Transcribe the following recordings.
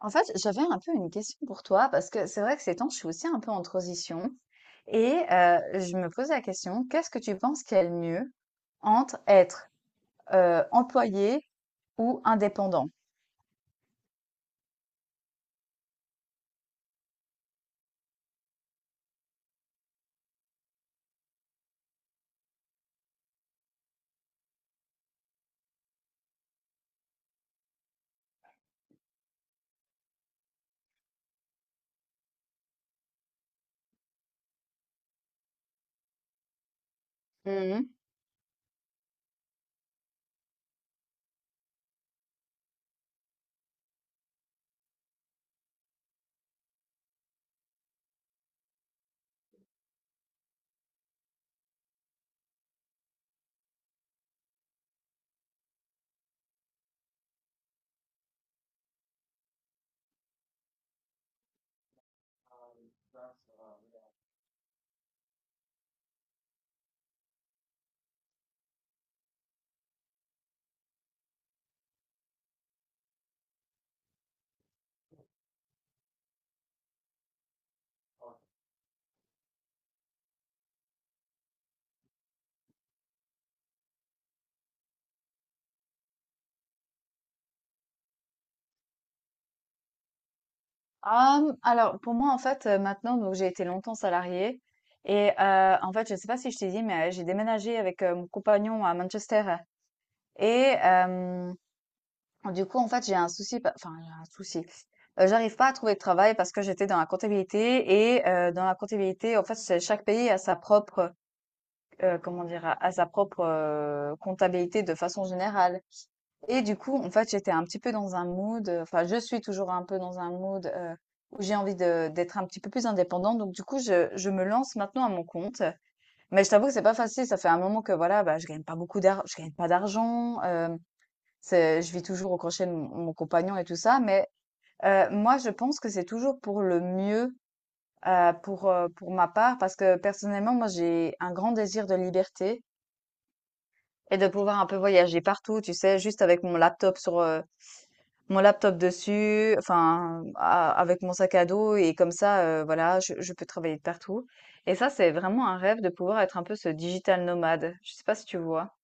En fait, j'avais un peu une question pour toi parce que c'est vrai que ces temps, je suis aussi un peu en transition et je me pose la question, qu'est-ce que tu penses qu'il y a le mieux entre être employé ou indépendant? Mmh mh. Alors pour moi, en fait, maintenant donc j'ai été longtemps salariée et en fait, je ne sais pas si je t'ai dit, mais j'ai déménagé avec mon compagnon à Manchester et hem Du coup, en fait, j'ai un souci. Enfin, j'ai un souci. J'arrive pas à trouver de travail parce que j'étais dans la comptabilité et dans la comptabilité, en fait, chaque pays a sa propre, comment dire, a sa propre comptabilité de façon générale. Et du coup, en fait, j'étais un petit peu dans un mood. Enfin, je suis toujours un peu dans un mood où j'ai envie de d'être un petit peu plus indépendante. Donc, du coup, je me lance maintenant à mon compte. Mais je t'avoue que c'est pas facile. Ça fait un moment que voilà, bah, je gagne pas beaucoup d'argent, je gagne pas d'argent. C'est je vis toujours au crochet de mon compagnon et tout ça, mais moi, je pense que c'est toujours pour le mieux, pour pour ma part parce que personnellement, moi, j'ai un grand désir de liberté et de pouvoir un peu voyager partout, tu sais? Juste avec mon laptop mon laptop dessus, enfin, a avec mon sac à dos et comme ça, voilà, je peux travailler de partout et ça, c'est vraiment un rêve de pouvoir être un peu ce digital nomade. Je sais pas si tu vois?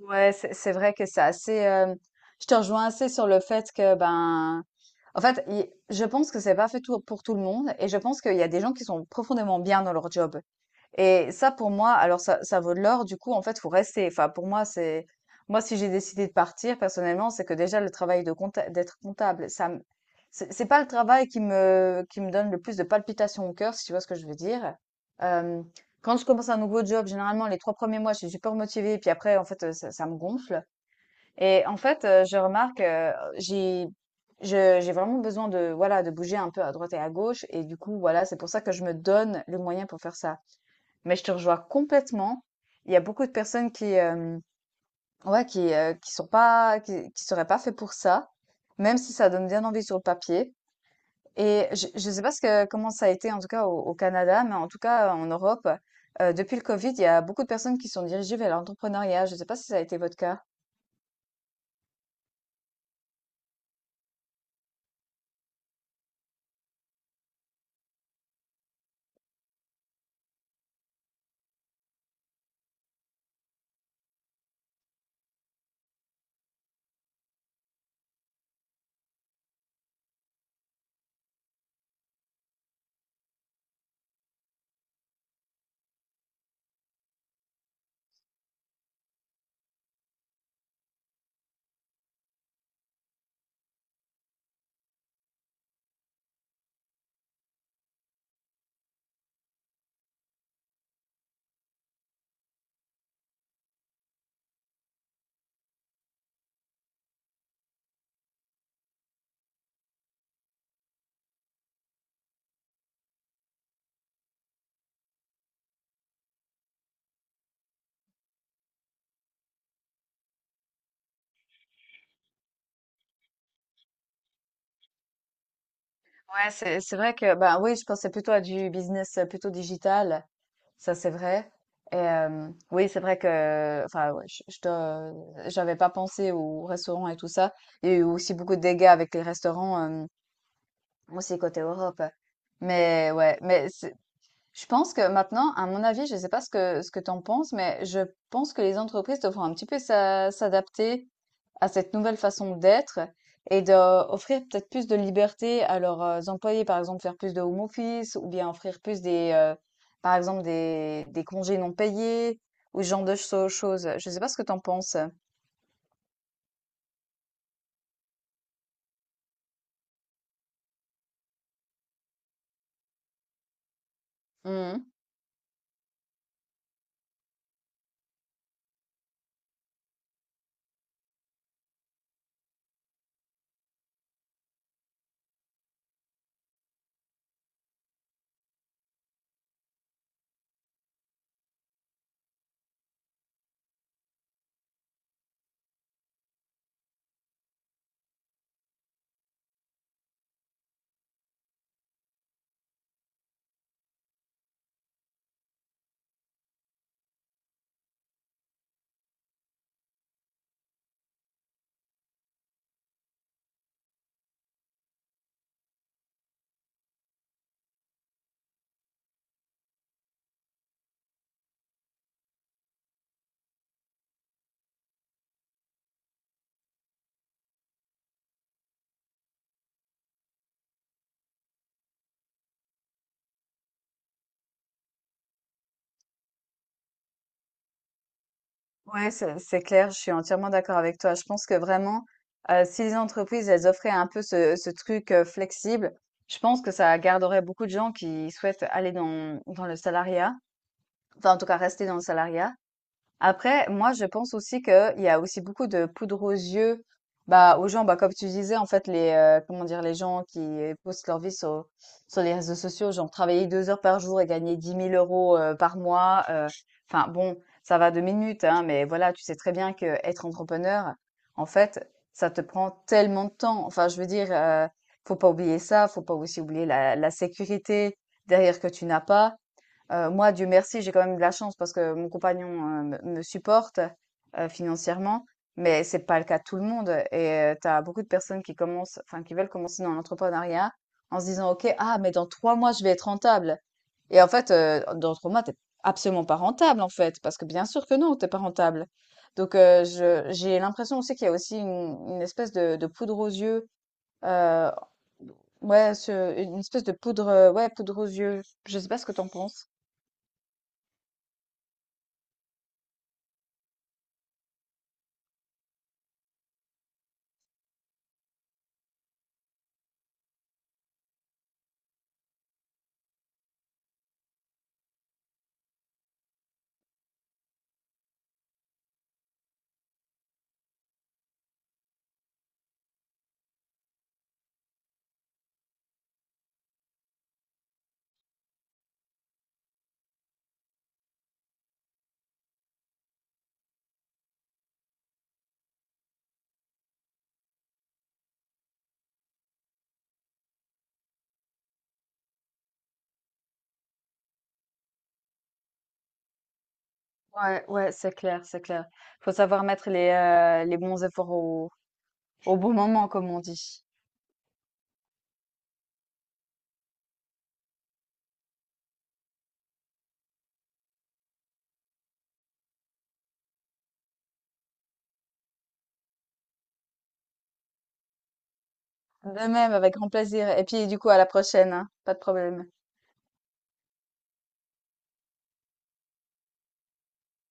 Ouais, c'est vrai que c'est assez. Je te rejoins assez sur le fait que ben, en fait, je pense que c'est pas fait pour tout le monde et je pense qu'il y a des gens qui sont profondément bien dans leur job. Et ça, pour moi, alors ça vaut de l'or. Du coup, en fait, faut rester. Enfin, pour moi, c'est moi si j'ai décidé de partir personnellement, c'est que déjà le travail d'être comptable, ça, c'est pas le travail qui me donne le plus de palpitations au cœur, si tu vois ce que je veux dire. Euh, Quand je commence un nouveau job, généralement les 3 premiers mois, je suis super motivée, puis après, en fait, ça me gonfle. Et en fait, je remarque, j'ai je- j'ai vraiment besoin de voilà de bouger un peu à droite et à gauche. Et du coup, voilà, c'est pour ça que je me donne le moyen pour faire ça. Mais je te rejoins complètement. Il y a beaucoup de personnes qui sont pas, qui seraient pas fait pour ça, même si ça donne bien envie sur le papier. Et je sais pas comment ça a été, en tout cas au Canada, mais en tout cas en Europe, depuis le Covid, il y a beaucoup de personnes qui sont dirigées vers l'entrepreneuriat. Je sais pas si ça a été votre cas. Ouais, c'est vrai que, bah oui, je pensais plutôt à du business plutôt digital. Ça, c'est vrai. Et hem, oui, c'est vrai que enfin, ouais, je te j'avais pas pensé aux restaurants et tout ça. Il y a eu aussi beaucoup de dégâts avec les restaurants, hem, aussi côté Europe. Mais ouais, mais je pense que maintenant, à mon avis, je ne sais pas ce que tu en penses, mais je pense que les entreprises devront un petit peu s'adapter à cette nouvelle façon d'être et d'offrir peut-être plus de liberté à leurs employés, par exemple faire plus de home office ou bien offrir plus par exemple des congés non payés ou ce genre de choses. Je ne sais pas ce que tu en penses. Ouais, c'est clair, je suis entièrement d'accord avec toi. Je pense que vraiment, si les entreprises, elles offraient un peu ce truc flexible, je pense que ça garderait beaucoup de gens qui souhaitent aller dans le salariat, enfin en tout cas rester dans le salariat. Après, moi, je pense aussi qu'il y a aussi beaucoup de poudre aux yeux, bah, aux gens, bah, comme tu disais, en fait, comment dire, les gens qui postent leur vie sur les réseaux sociaux, genre travailler 2 heures par jour et gagner 10 000 € par mois. Enfin, bon, ça va 2 minutes, hein, mais voilà, tu sais très bien que être entrepreneur, en fait, ça te prend tellement de temps. Enfin, je veux dire, faut pas oublier ça, faut pas aussi oublier la sécurité derrière que tu n'as pas. Moi, Dieu merci, j'ai quand même de la chance parce que mon compagnon, me supporte, financièrement, mais c'est pas le cas de tout le monde et tu as beaucoup de personnes qui commencent enfin, qui veulent commencer dans l'entrepreneuriat en se disant: «OK, ah mais dans 3 mois, je vais être rentable» et en fait, dans 3 mois, t'es absolument pas rentable, en fait, parce que bien sûr que non, t'es pas rentable. Donc je j'ai l'impression aussi qu'il y a aussi une espèce de poudre aux yeux, heu, ouais, ce une espèce de poudre, poudre aux yeux. Je sais pas ce que t'en penses? Ouais, ouais, c'est clair, c'est clair. Faut savoir mettre les bons efforts au bon moment, comme on dit. De même, avec grand plaisir. Et puis, du coup, à la prochaine, hein. Pas de problème.